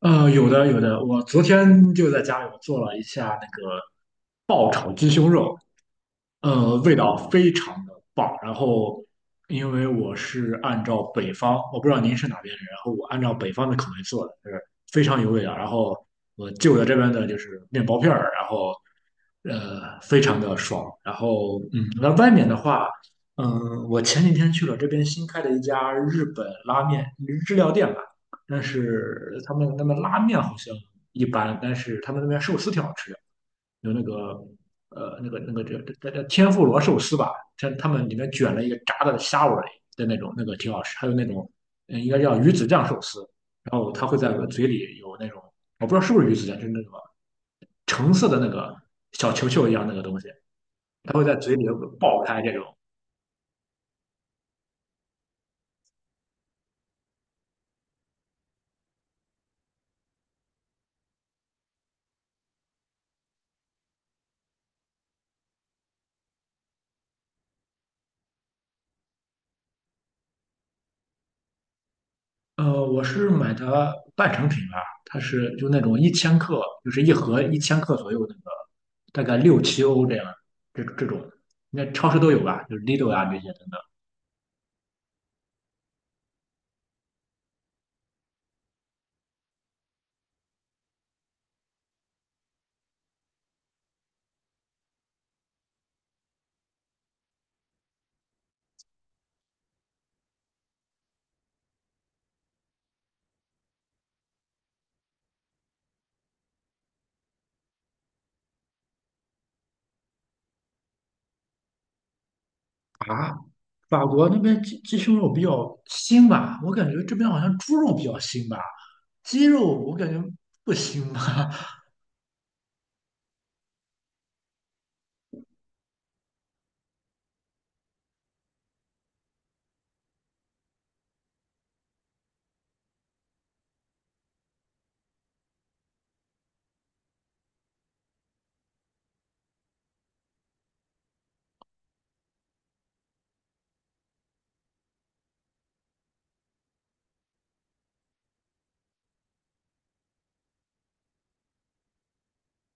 有的有的，我昨天就在家里我做了一下那个爆炒鸡胸肉，味道非常的棒。然后，因为我是按照北方，我不知道您是哪边人，然后我按照北方的口味做的，就是非常有味道。然后我就着这边的就是面包片儿，然后非常的爽。然后，那外面的话，我前几天去了这边新开的一家日本拉面日料店吧，但是他们那边拉面好像一般，但是他们那边寿司挺好吃的。有那个叫天妇罗寿司吧，像他们里面卷了一个炸的虾尾的那种，那个挺好吃。还有那种应该叫鱼子酱寿司，然后它会在嘴里有那种我不知道是不是鱼子酱，就是那个橙色的那个小球球一样那个东西，它会在嘴里爆开这种。我是买的半成品吧，它是就那种一千克，就是一盒一千克左右那个，大概六七欧这样，这种，应该超市都有吧，就是 Lidl 啊这些等等。啊，法国那边鸡胸肉比较腥吧，我感觉这边好像猪肉比较腥吧，鸡肉我感觉不腥吧。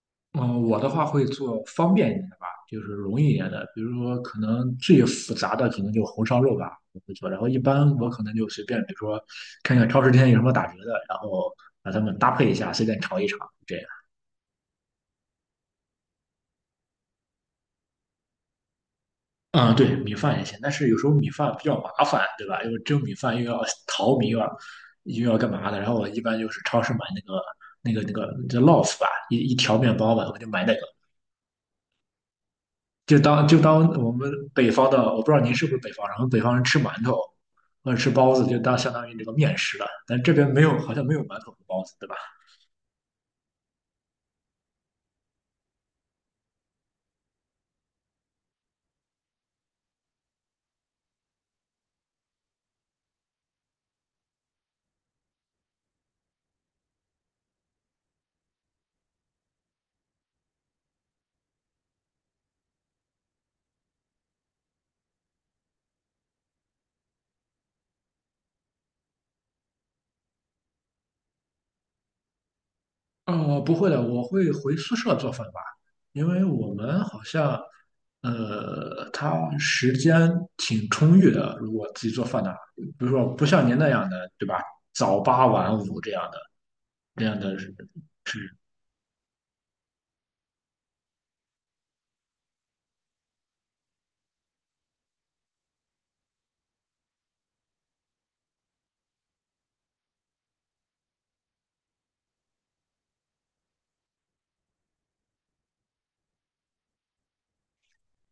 嗯，我的话会做方便一点的吧，就是容易一点的，比如说可能最复杂的可能就红烧肉吧，我会做。然后一般我可能就随便，比如说看看超市今天有什么打折的，然后把它们搭配一下，随便炒一炒，这样。啊，对，米饭也行，但是有时候米饭比较麻烦，对吧？又蒸米饭又要 淘米，又要干嘛的。然后我一般就是超市买那个叫 loaf 吧，一条面包吧，我就买那个，就当就当我们北方的，我不知道您是不是北方人，我们北方人吃馒头或者吃包子，就当相当于这个面食了。但这边没有，好像没有馒头和包子，对吧？哦，不会的，我会回宿舍做饭吧，因为我们好像，他时间挺充裕的。如果自己做饭的话，比如说不像您那样的，对吧？早八晚五这样的，这样的是，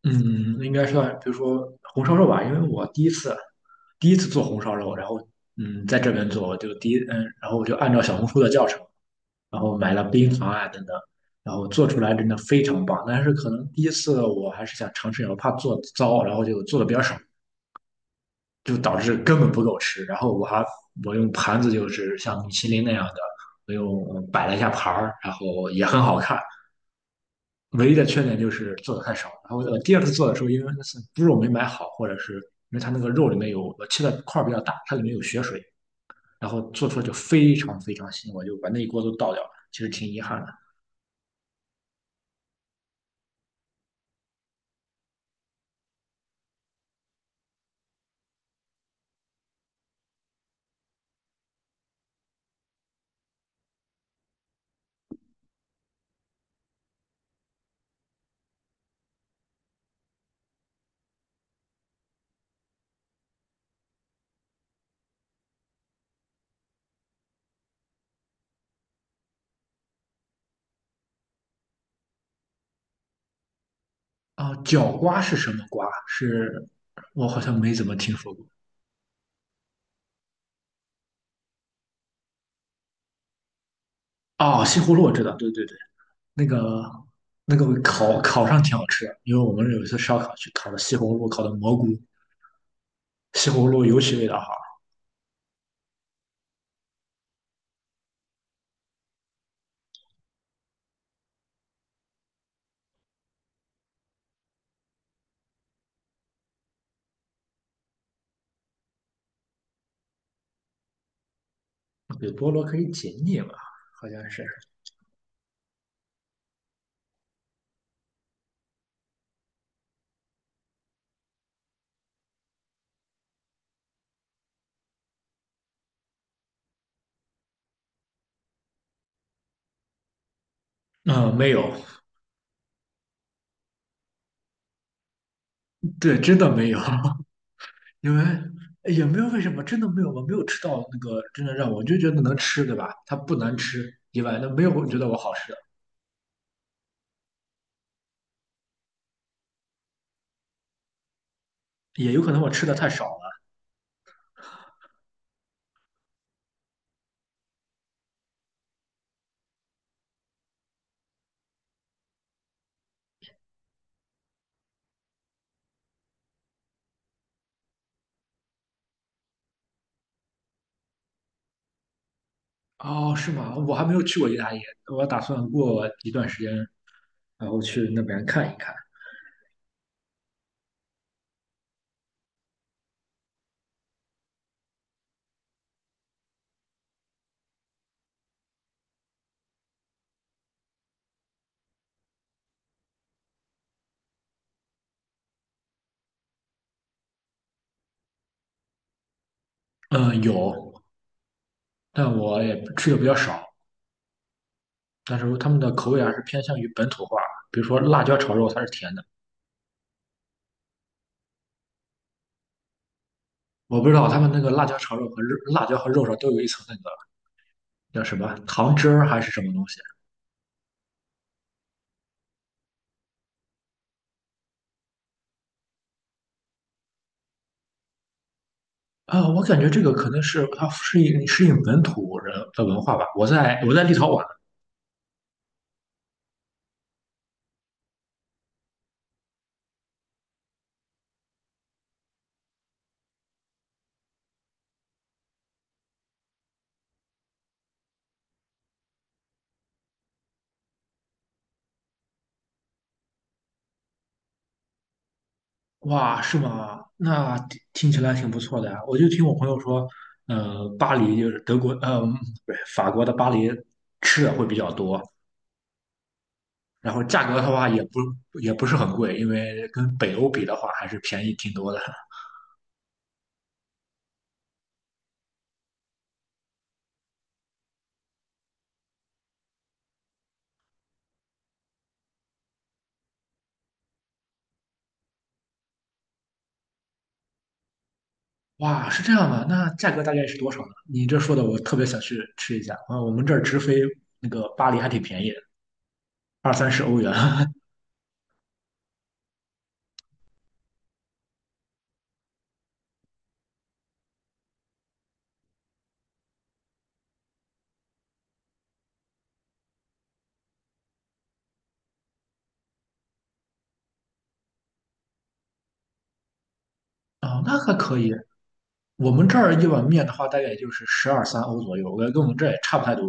嗯，应该算，比如说红烧肉吧，因为我第一次做红烧肉，然后在这边做，就第一然后我就按照小红书的教程。然后买了冰糖啊等等，然后做出来真的非常棒。但是可能第一次我还是想尝试一下，我怕做糟，然后就做的比较少，就导致根本不够吃。然后我用盘子就是像米其林那样的，我用摆了一下盘儿，然后也很好看。唯一的缺点就是做的太少。然后我第二次做的时候，因为那次猪肉没买好，或者是因为它那个肉里面有我切的块儿比较大，它里面有血水，然后做出来就非常非常腥，我就把那一锅都倒掉了，其实挺遗憾的。啊，角瓜是什么瓜？是我好像没怎么听说过。哦，西葫芦我知道，对对对，那个烤上挺好吃的因为我们有一次烧烤去烤的西葫芦，烤的蘑菇，西葫芦尤其味道好。对，菠萝可以解腻嘛，好像是。嗯，没有，对，真的没有，因为哎也没有为什么，真的没有，我没有吃到那个真的让我就觉得能吃，对吧？它不难吃以外，那没有我觉得我好吃的，也有可能我吃的太少了。哦，是吗？我还没有去过意大利，我打算过一段时间，然后去那边看一看。嗯，有，但我也吃的比较少。但是他们的口味还是偏向于本土化，比如说辣椒炒肉，它是甜的。我不知道他们那个辣椒炒肉和肉辣椒和肉上都有一层那个叫什么糖汁儿还是什么东西啊。我感觉这个可能是它适应适应本土人的文化吧。我在立陶宛。哇，是吗？那听起来挺不错的呀。我就听我朋友说，巴黎就是德国，不是法国的巴黎吃的会比较多，然后价格的话也不是很贵，因为跟北欧比的话还是便宜挺多的。哇，是这样的，那价格大概是多少呢？你这说的我特别想去吃一下。啊，我们这儿直飞那个巴黎还挺便宜的二三十欧元。啊，那还可以。我们这儿一碗面的话，大概也就是十二三欧左右，我感觉跟我们这儿也差不太多。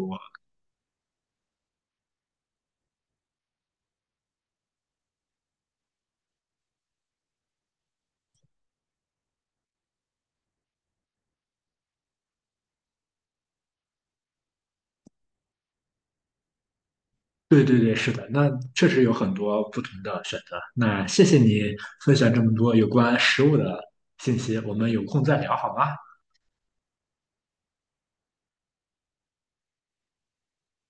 对对对，是的，那确实有很多不同的选择。那谢谢你分享这么多有关食物的信息，我们有空再聊好吗？